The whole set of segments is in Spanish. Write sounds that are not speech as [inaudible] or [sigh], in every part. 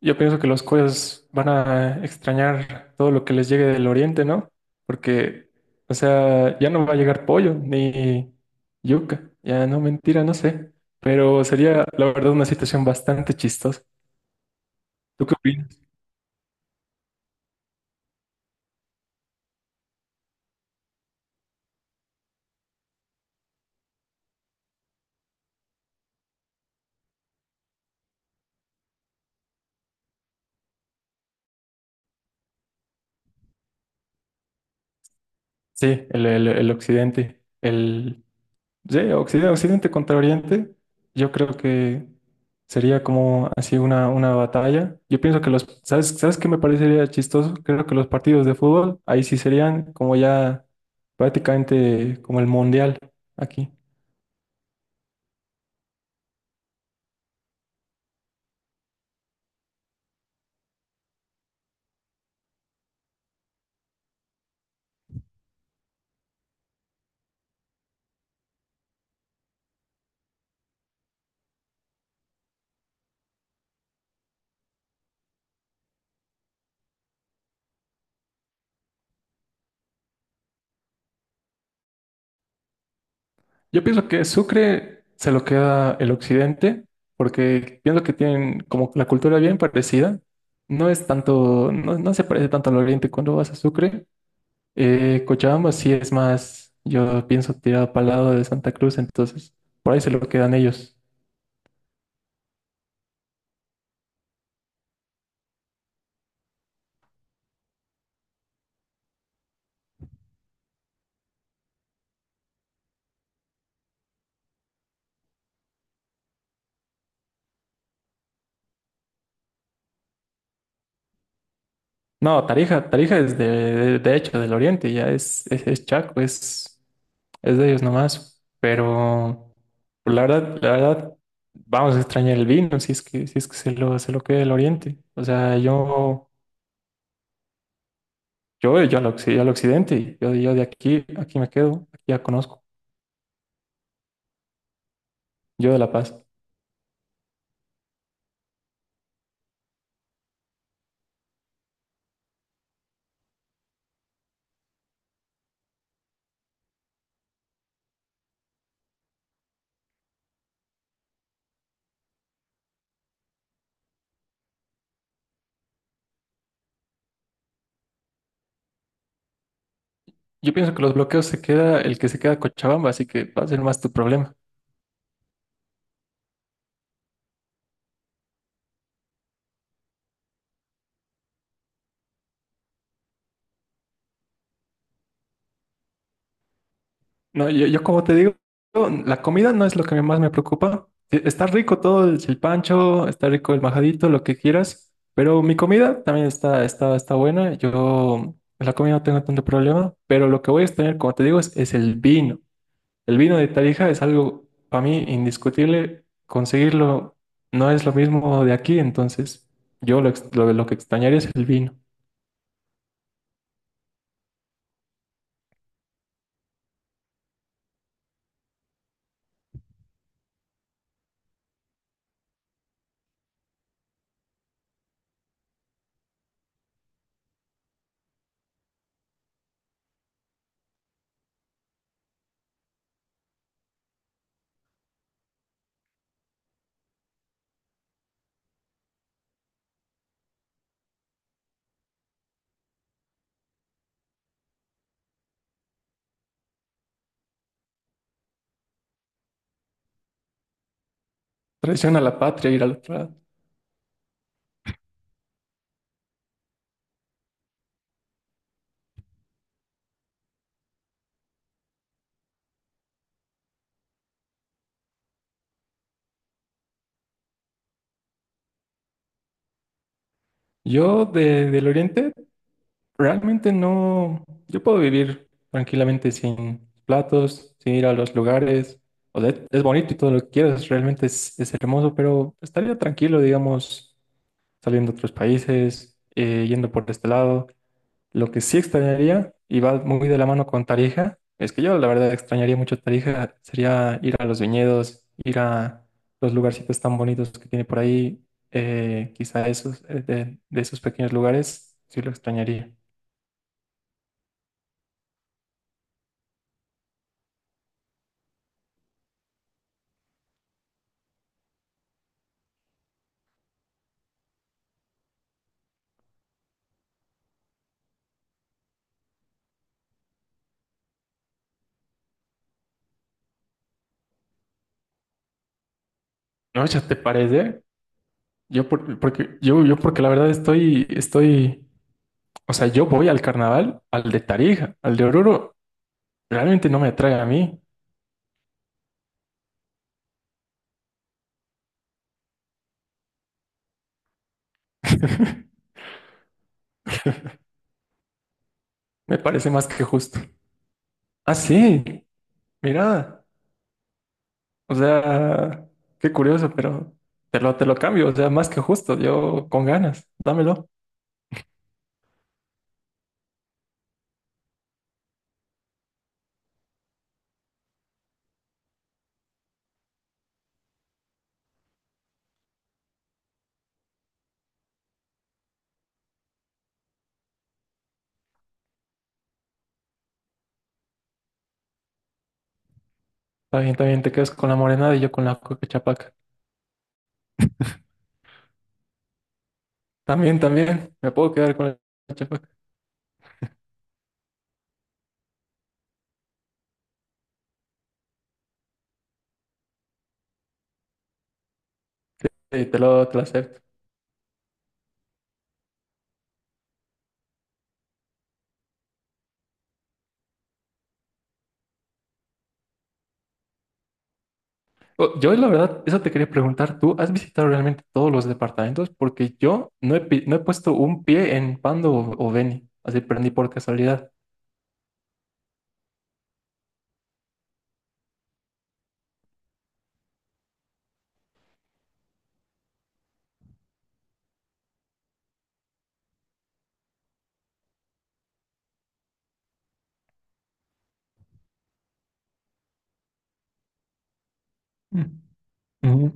Yo pienso que los coreanos van a extrañar todo lo que les llegue del oriente, ¿no? Porque, o sea, ya no va a llegar pollo ni yuca, ya no, mentira, no sé. Pero sería, la verdad, una situación bastante chistosa. ¿Tú qué opinas? Sí, el occidente, el, sí, Occidente, Occidente contra Oriente, yo creo que sería como así una batalla. Yo pienso que los, ¿sabes, sabes qué me parecería chistoso? Creo que los partidos de fútbol ahí sí serían como ya prácticamente como el mundial aquí. Yo pienso que Sucre se lo queda el Occidente porque pienso que tienen como la cultura bien parecida. No es tanto, no, no se parece tanto al Oriente cuando vas a Sucre. Cochabamba sí es más, yo pienso tirado para el lado de Santa Cruz, entonces por ahí se lo quedan ellos. No, Tarija, Tarija es de hecho del oriente, ya es Chaco, es de ellos nomás. Pero pues, la verdad, vamos a extrañar el vino si es que, si es que se lo queda el oriente. O sea, yo al, occ- al occidente, yo de aquí, aquí me quedo, aquí ya conozco, yo de La Paz. Yo pienso que los bloqueos se queda, el que se queda Cochabamba, así que va a ser más tu problema. No, yo como te digo, la comida no es lo que más me preocupa. E- Está rico todo el chilpancho, está rico el majadito, lo que quieras, pero mi comida también está, está, está buena. Yo en la comida no tengo tanto problema, pero lo que voy a extrañar, como te digo, es el vino. El vino de Tarija es algo para mí indiscutible. Conseguirlo no es lo mismo de aquí, entonces yo lo, ex- lo que extrañaría es el vino. Traición a la patria, ir al otro lado. Yo de, del Oriente realmente no, yo puedo vivir tranquilamente sin platos, sin ir a los lugares. O sea, es bonito y todo lo que quieras, realmente es hermoso, pero estaría tranquilo, digamos, saliendo a otros países, yendo por este lado. Lo que sí extrañaría, y va muy de la mano con Tarija, es que yo la verdad extrañaría mucho Tarija, sería ir a los viñedos, ir a los lugarcitos tan bonitos que tiene por ahí, quizá esos, de esos pequeños lugares, sí lo extrañaría. No, ya te parece. Yo por- porque yo porque la verdad estoy, estoy, o sea, yo voy al carnaval, al de Tarija, al de Oruro, realmente no me atrae a mí. [laughs] Me parece más que justo. Ah, sí, mira. O sea, qué curioso, pero te lo cambio, o sea, más que justo, yo con ganas, dámelo. También, también te quedas con la morenada y yo con la coca chapaca. También, también, me puedo quedar con la chapaca. Sí, te lo acepto. O- Yo, la verdad, eso te quería preguntar, ¿tú has visitado realmente todos los departamentos? Porque yo no he, pi- no he puesto un pie en Pando o Beni, así prendí por casualidad. Mm. Ujú.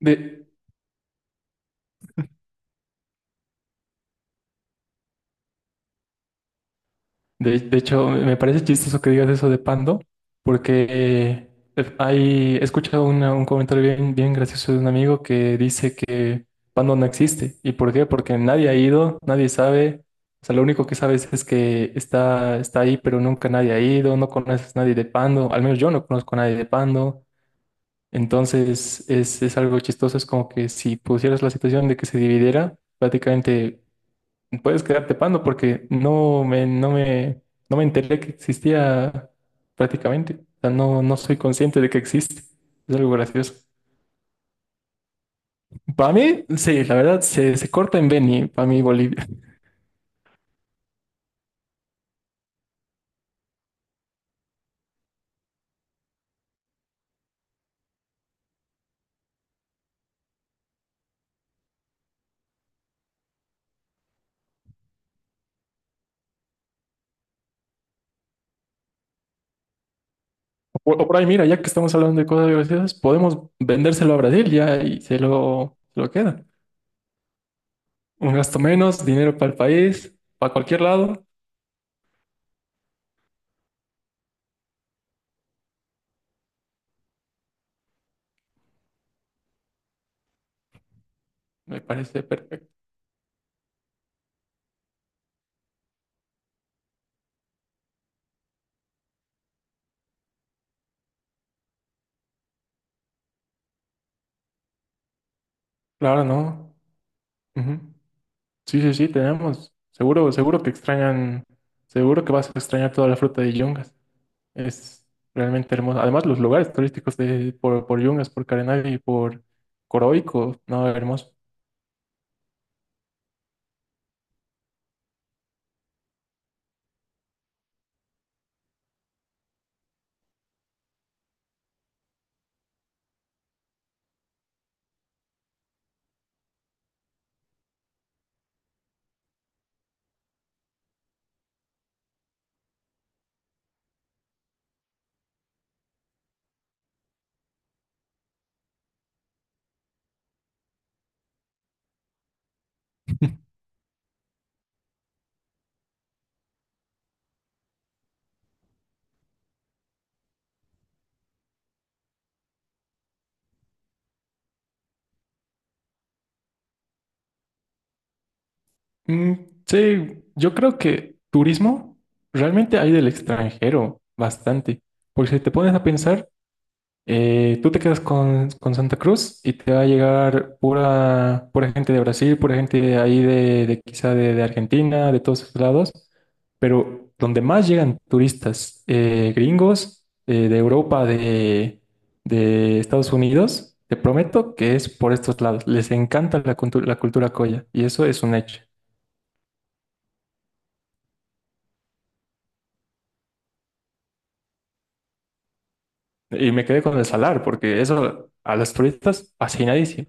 De, de hecho, me parece chistoso que digas eso de Pando, porque hay, he escuchado una- un comentario bien, bien gracioso de un amigo que dice que Pando no existe. ¿Y por qué? Porque nadie ha ido, nadie sabe. O sea, lo único que sabes es que está, está ahí, pero nunca nadie ha ido, no conoces a nadie de Pando, al menos yo no conozco a nadie de Pando. Entonces, es algo chistoso, es como que si pusieras la situación de que se dividiera, prácticamente puedes quedarte pando porque no me, no me, no me enteré que existía prácticamente. O sea, no, no soy consciente de que existe. Es algo gracioso. Para mí, sí, la verdad, se corta en Beni, para mí Bolivia. O por ahí, mira, ya que estamos hablando de cosas graciosas, podemos vendérselo a Brasil ya y se lo queda. Un gasto menos, dinero para el país, para cualquier lado. Me parece perfecto. Claro, ¿no? Ujú. Sí, sí, sí, tenemos. Seguro, seguro que extrañan, seguro que vas a extrañar toda la fruta de Yungas. Es realmente hermoso. Además, los lugares turísticos de, por Yungas, por Carenay y por Coroico, no, hermoso. Mm, sí, yo creo que turismo realmente hay del extranjero bastante. Porque si te pones a pensar, tú te quedas con Santa Cruz y te va a llegar pura, pura gente de Brasil, pura gente de ahí de quizá de Argentina, de todos esos lados, pero donde más llegan turistas gringos, de Europa, de Estados Unidos, te prometo que es por estos lados. Les encanta la, cultu- la cultura coya y eso es un hecho. Y me quedé con el salar porque eso a los turistas fascinadísimo.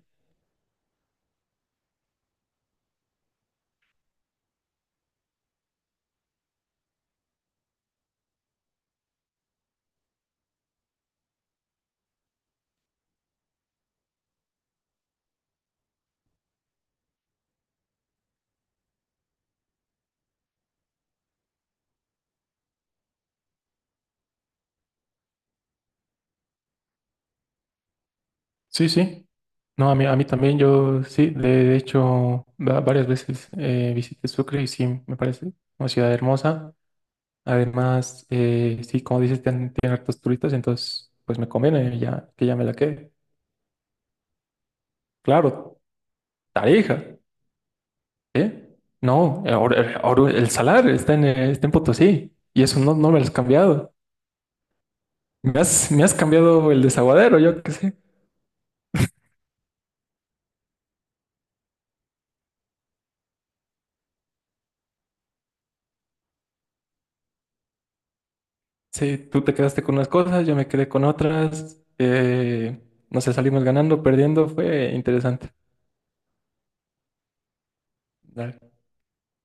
Sí, sí. No, a mí también, yo sí, de hecho, va- varias veces visité Sucre y sí, me parece una ciudad hermosa. Además, sí, como dices, tienen, tienen hartos turistas, entonces, pues me conviene ya, que ya me la quede. Claro, Tarija, ¿eh? No, Or- Oru- el Salar está en, está en Potosí y eso no, no me lo has cambiado. Me has cambiado el desaguadero, yo qué sé. Sí, tú te quedaste con unas cosas, yo me quedé con otras. No sé, salimos ganando, perdiendo, fue interesante. Dale.